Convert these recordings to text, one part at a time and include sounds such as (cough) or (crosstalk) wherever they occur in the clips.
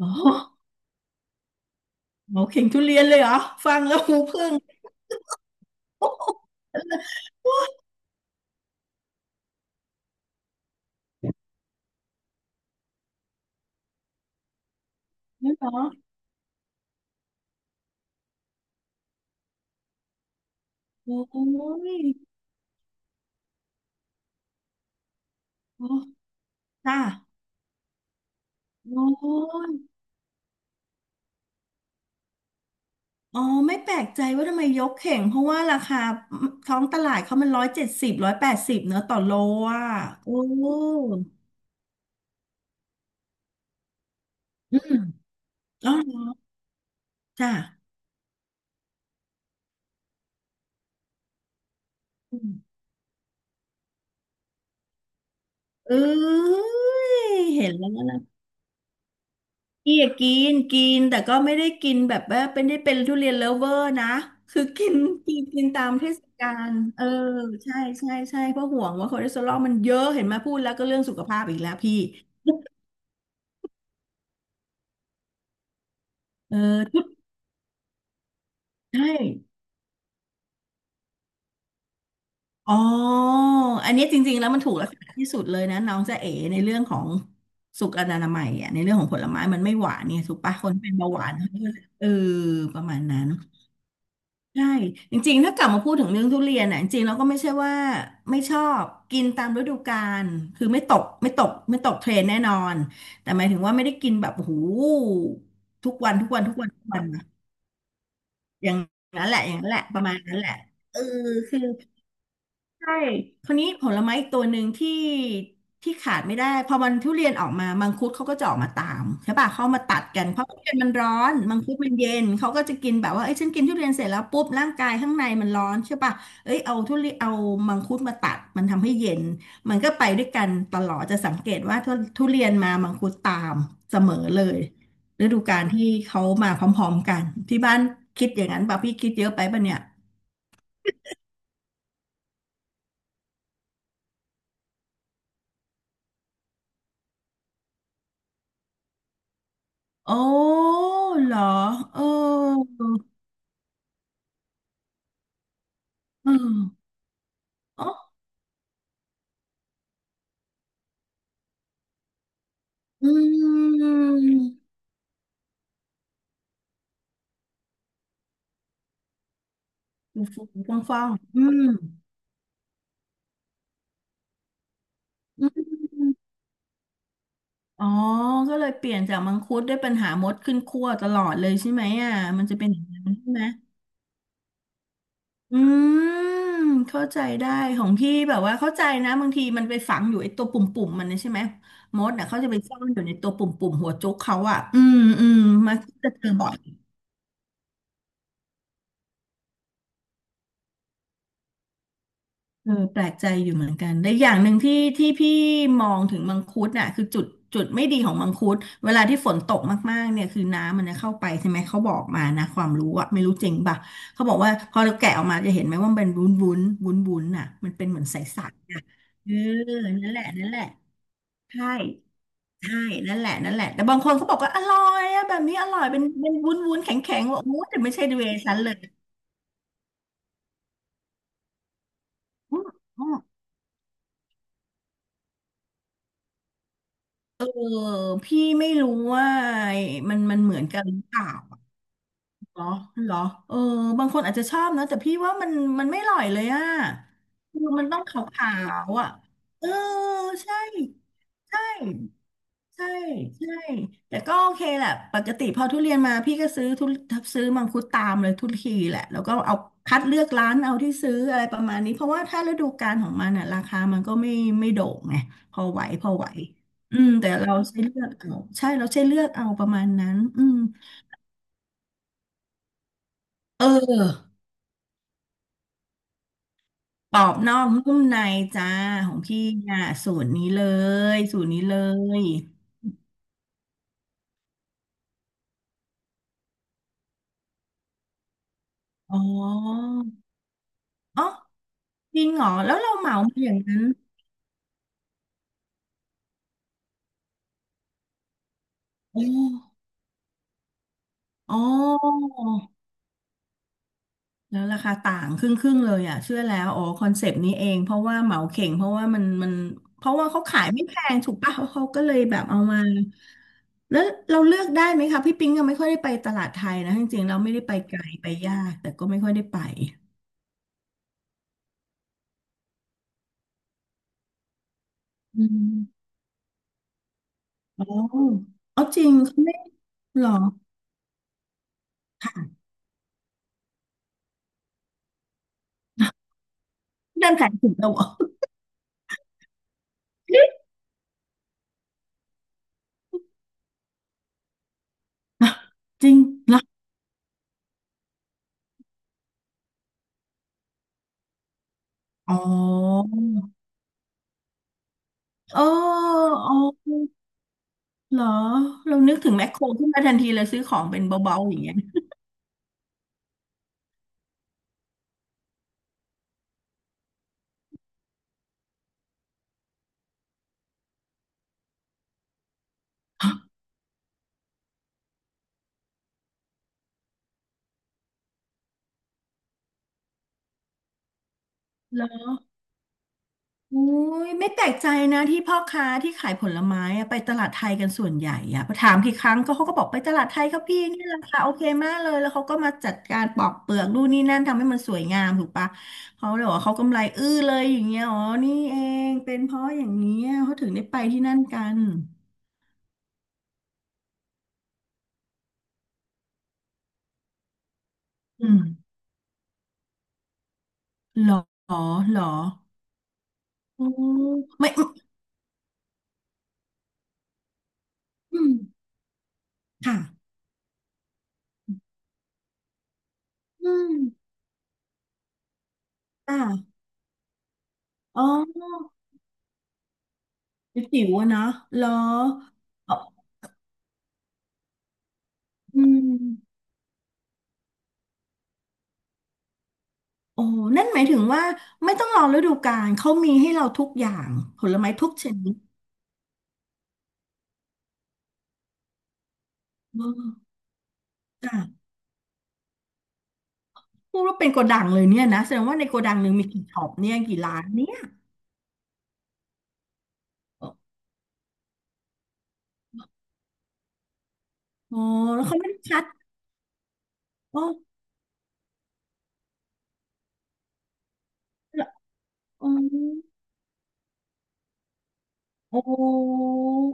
อ๋อหมอเข่งทุเรียนเลยเหรอฟังแล้วหูพึ่งโอ้โหนั่นเหรอโอ้ยโอ้จ้าโอ้ยอ๋อไม่แปลกใจว่าทำไมยกเข่งเพราะว่าราคาท้องตลาดเขามัน170, 180เนอะต่อโลอ่ะโอ้อืมอ๋อเหรอจ้าอืมเอ้ยเห็นแล้วนะ พี่อะกินกินแต่ก็ไม่ได้กินแบบว่าเป็นได้เป็นทุเรียนเลิฟเวอร์นะคือกินกินกินตามเทศกาลเออใช่ใช่ใช่เพราะห่วงว่าคอเลสเตอรอลมันเยอะเห็นไหมาพูดแล้วก็เรื่องสุขภาพอีกแล้วพี่เออทุกใช่อ๋ออันนี้จริงๆแล้วมันถูกลักษณะที่สุดเลยนะน้องจ๊ะเอ๋ในเรื่องของสุขอนามัยอ่ะในเรื่องของผลไม้มันไม่หวานเนี่ยถูกปะคนเป็นเบาหวานเขาก็เออประมาณนั้น ใช่จริงๆถ้ากลับมาพูดถึงเรื่องทุเรียนน่ะจริงๆเราก็ไม่ใช่ว่าไม่ชอบกินตามฤดูกาลคือไม่ตกเทรนแน่นอนแต่หมายถึงว่าไม่ได้กินแบบโอ้โหูทุกวันทุกวันทุกวันทุกวันอะอย่างนั้นแหละอย่างนั้นแหละประมาณนั้นแหละเออคือ ใช่คราวนี้ผลไม้อีกตัวหนึ่งที่ขาดไม่ได้ พอมันทุเรียนออกมามังคุดเขาก็จะออกมาตามใช่ป่ะเขามาตัดกันเพราะทุเรียนมันร้อน มังคุดมันเย็น เขาก็จะกินแบบว่าเอ้ยฉันกินทุเรียนเสร็จแล้วปุ๊บร่างกายข้างในมันร้อนใช่ป่ะเอ้ยเอาทุเรียนเอามังคุดมาตัดมันทำให้เย็น มันก็ไปด้วยกันตลอดจะสังเกตว่าทุเรียนมามังคุดตามเสมอเลยฤดูกาลที่เขามาพร้อมๆกันที่บ้านคิดอย่างนั้นป่ะพี่คิดเยอะไปป่ะเนี่ย โอ้เหรอเออเอออ๋ออืมฟูฟ่องฟองๆอืมอืมอ๋อก็เลยเปลี่ยนจากมังคุดได้เปัญหามดขึ้นคั่วตลอดเลยใช่ไหมอ่ะมันจะเป็นอย่างนั้นใช่ไหมอืมเข้าใจได้ของพี่แบบว่าเข้าใจนะบางทีมันไปฝังอยู่ไอ้ตัวปุ่มๆมันนะใช่ไหมมดน่ะเขาจะไปซ่อนอยู่ในตัวปุ่มๆหัวจุกเขาอ่ะ อืมอืมมันจะเจอบ่อย เออแปลกใจอยู่เหมือนกันและอย่างหนึ่งที่พี่มองถึงมังคุดน่ะคือจุดไม่ดีของมังคุดเวลาที่ฝนตกมากๆเนี่ยคือน้ำมันจะเข้าไปใช่ไหมเขาบอกมานะความรู้อะไม่รู้จริงป่ะเขาบอกว่าพอเราแกะออกมาจะเห็นไหมว่ามันเป็นวุ้นวุ้นวุ้นวุ้นน่ะมันเป็นเหมือนใสๆน่ะเออนั่นแหละนั่นแหละใช่ใช่นั่นแหละนั่นแหละแต่บางคนเขาบอกว่าอร่อยอะแบบนี้อร่อยเป็นวุ้นวุ้นแข็งแข็งว่าโอ้แต่ไม่ใช่เวย์ฉันเลย เออพี่ไม่รู้ว่ามันเหมือนกันหรือเปล่าเหรอเหรอเออบางคนอาจจะชอบนะแต่พี่ว่ามันไม่อร่อยเลยอ่ะคือมันต้องขาวๆอ่ะเออใช่ใช่ ใช่ใช่แต่ก็โอเคแหละปกติพอทุเรียนมาพี่ก็ซื้อซื้อมังคุดตามเลยทุกทีแหละแล้วก็เอาคัดเลือกร้านเอาที่ซื้ออะไรประมาณนี้เพราะว่าถ้าฤดูกาลของมันอ่ะราคามันก็ไม่โด่งไงพอไหวพอไหวอืมแต่เราใช้เลือกเอาใช่เราใช้เลือกเอาประมาณนั้นอืมเออปอบนอกนุ่มในจ้าของพี่อ่ะสูตรนี้เลยสูตรนี้เลยอ๋ออ๋อจริงเหรอแล้วเราเหมามาอย่างนั้นโอ้ อ๋อแล้วราคาต่างครึ่งครึ่งเลยอ่ะเชื่อแล้วอ๋อคอนเซปต์นี้เองเพราะว่าเหมาเข่งเพราะว่ามันเพราะว่าเขาขายไม่แพงถูกป่ะเขาก็เลยแบบเอามาแล้วเราเลือกได้ไหมคะพี่ปิ๊งก็ไม่ค่อยได้ไปตลาดไทยนะจริงๆเราไม่ได้ไปไกลไปยากแต่ก็ไม่ค่อยได้ไปอืมอ๋ออ๋อจริงเขาไม่หรอเดินขายถึงเราเหรอ (laughs) จริงเหรออ๋อเออเออ เหรอ เรานึกถึงแมคโครขึ้นมาทันทีเลยซื้อของเป็นเบาๆอย่างเงี้ยเหรออุ้ย ไม่แปลกใจนะที่พ่อค้าที่ขายผลไม้อะไปตลาดไทยกันส่วนใหญ่อะพอถามกี่ครั้งก็เขาก็บอกไปตลาดไทยครับพี่นี่ราคาโอเคมากเลยแล้วเขาก็มาจัดการปอกเปลือกนู่นนี่นั่นทำให้มันสวยงามถูกปะ เขาเลยบอกว่าเขากำไรอื้อเลยอย่างเงี้ยอ๋อ นี่เองเป็นเพราะอย่างนี้ยเขาถึงได้ไปที่นั่นกันอืมเหรอเหรออ๋อไม่อืมค่ะอืมอ่าอ๋อ จิ๋วอะเนาะเหรออ๋ออืมโอ้นั่นหมายถึงว่าไม่ต้องรอฤดูกาลเขามีให้เราทุกอย่างผลไม้ทุกชนิดเออจ้ะพูดว่าเป็นโกดังเลยเนี่ยนะแสดงว่าในโกดังหนึ่งมีกี่ช็อปเนี่ยกี่ร้านเนี่ยโอ้แล้วเขาไม่ได้คัดโอ้เอ้โอ้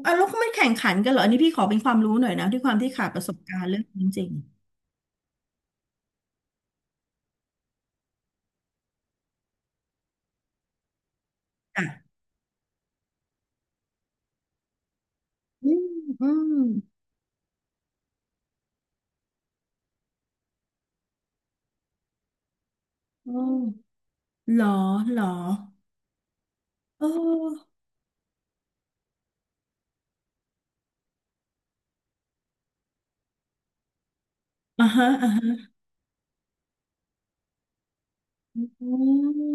อ่ะแล้วเขาไม่แข่งขันกันเหรออันนี้พี่ขอเป็นความรู้หน่อยนะด้วยความที่ขาดประสบการณ์เรื่องนี้จริงๆจ้ะอืมอืมโอ้เหรอเหรอเอออ่าฮะอ่าฮะ อ๋อ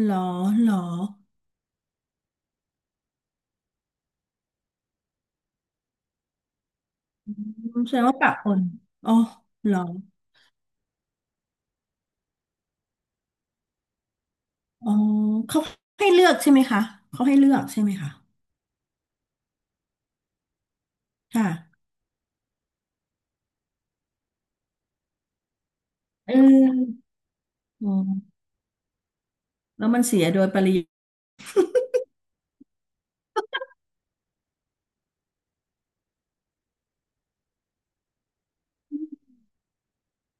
เหรอเหรออืมแสดงว่าปะปนอ๋อเหรออ๋อเขาให้เลือกใช่ไหมคะเขาให้เลือกใช่ไหมคะค่ะเอออ๋อแล้วมันเสียโดยปริยาย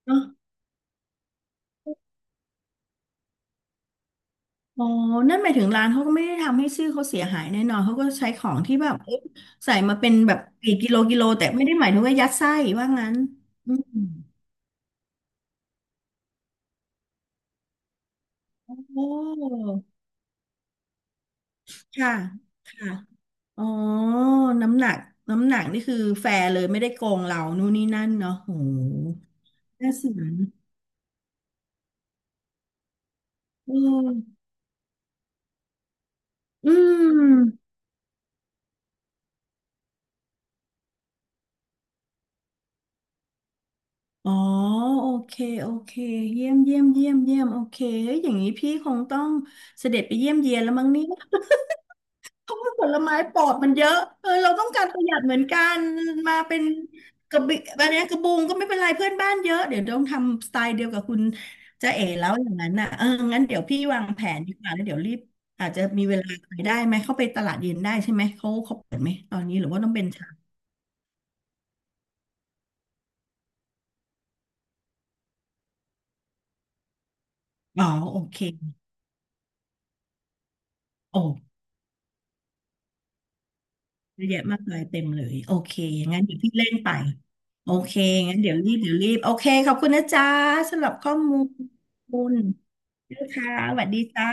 เนอะอ๋อนั่นหมายถึงร้านเขาก็ไม่ได้ทำให้ชื่อเขาเสียหายแน่นอนเขาก็ใช้ของที่แบบเอ๊ะใส่มาเป็นแบบกี่กิโลกิโลแต่ไม่ได้หมายถึงว่ายัดไส้ว่างั้นอืมโอ้ค่ะค่ะ อ๋อน้ำหนักน้ำหนักนี่คือแฟร์เลยไม่ได้โกงเรานู่นนี่นั่นเนาะโหน่าสนเอออืมอ๋อโอเคโอเคเยี่ยมเยี่ยมเยี่ยมเยี่ยมโอเคเฮ้ยอย่างนี้พี่คงต้องเสด็จไปเยี่ยมเยียนแล้วมั้งเนี่ย เพราะว่าผลไม้ปลอดมันเยอะเออเราต้องการประหยัดเหมือนกันมาเป็นกระบิอะไรนะกระบุงก็ไม่เป็นไรเพื่อนบ้านเยอะเดี๋ยวต้องทำสไตล์เดียวกับคุณจ๊ะเอ๋แล้วอย่างนั้นน่ะเอองั้นเดี๋ยวพี่วางแผนดีกว่าแล้วเดี๋ยวรีบอาจจะมีเวลาไปได้ไหมเขาไปตลาดเย็นได้ใช่ไหมเขาเขาเปิดไหมตอนนี้หรือว่าต้องเป็นเช้าอ๋อโอเคโอ้เยอะแยะมากเลยเต็มเลยโอเคงั้นเดี๋ยวพี่เล่นไปโอเคงั้นเดี๋ยวรีบเดี๋ยวรีบโอเคขอบคุณนะจ๊ะสำหรับข้อมูล ค่ะสวัสดีจ้า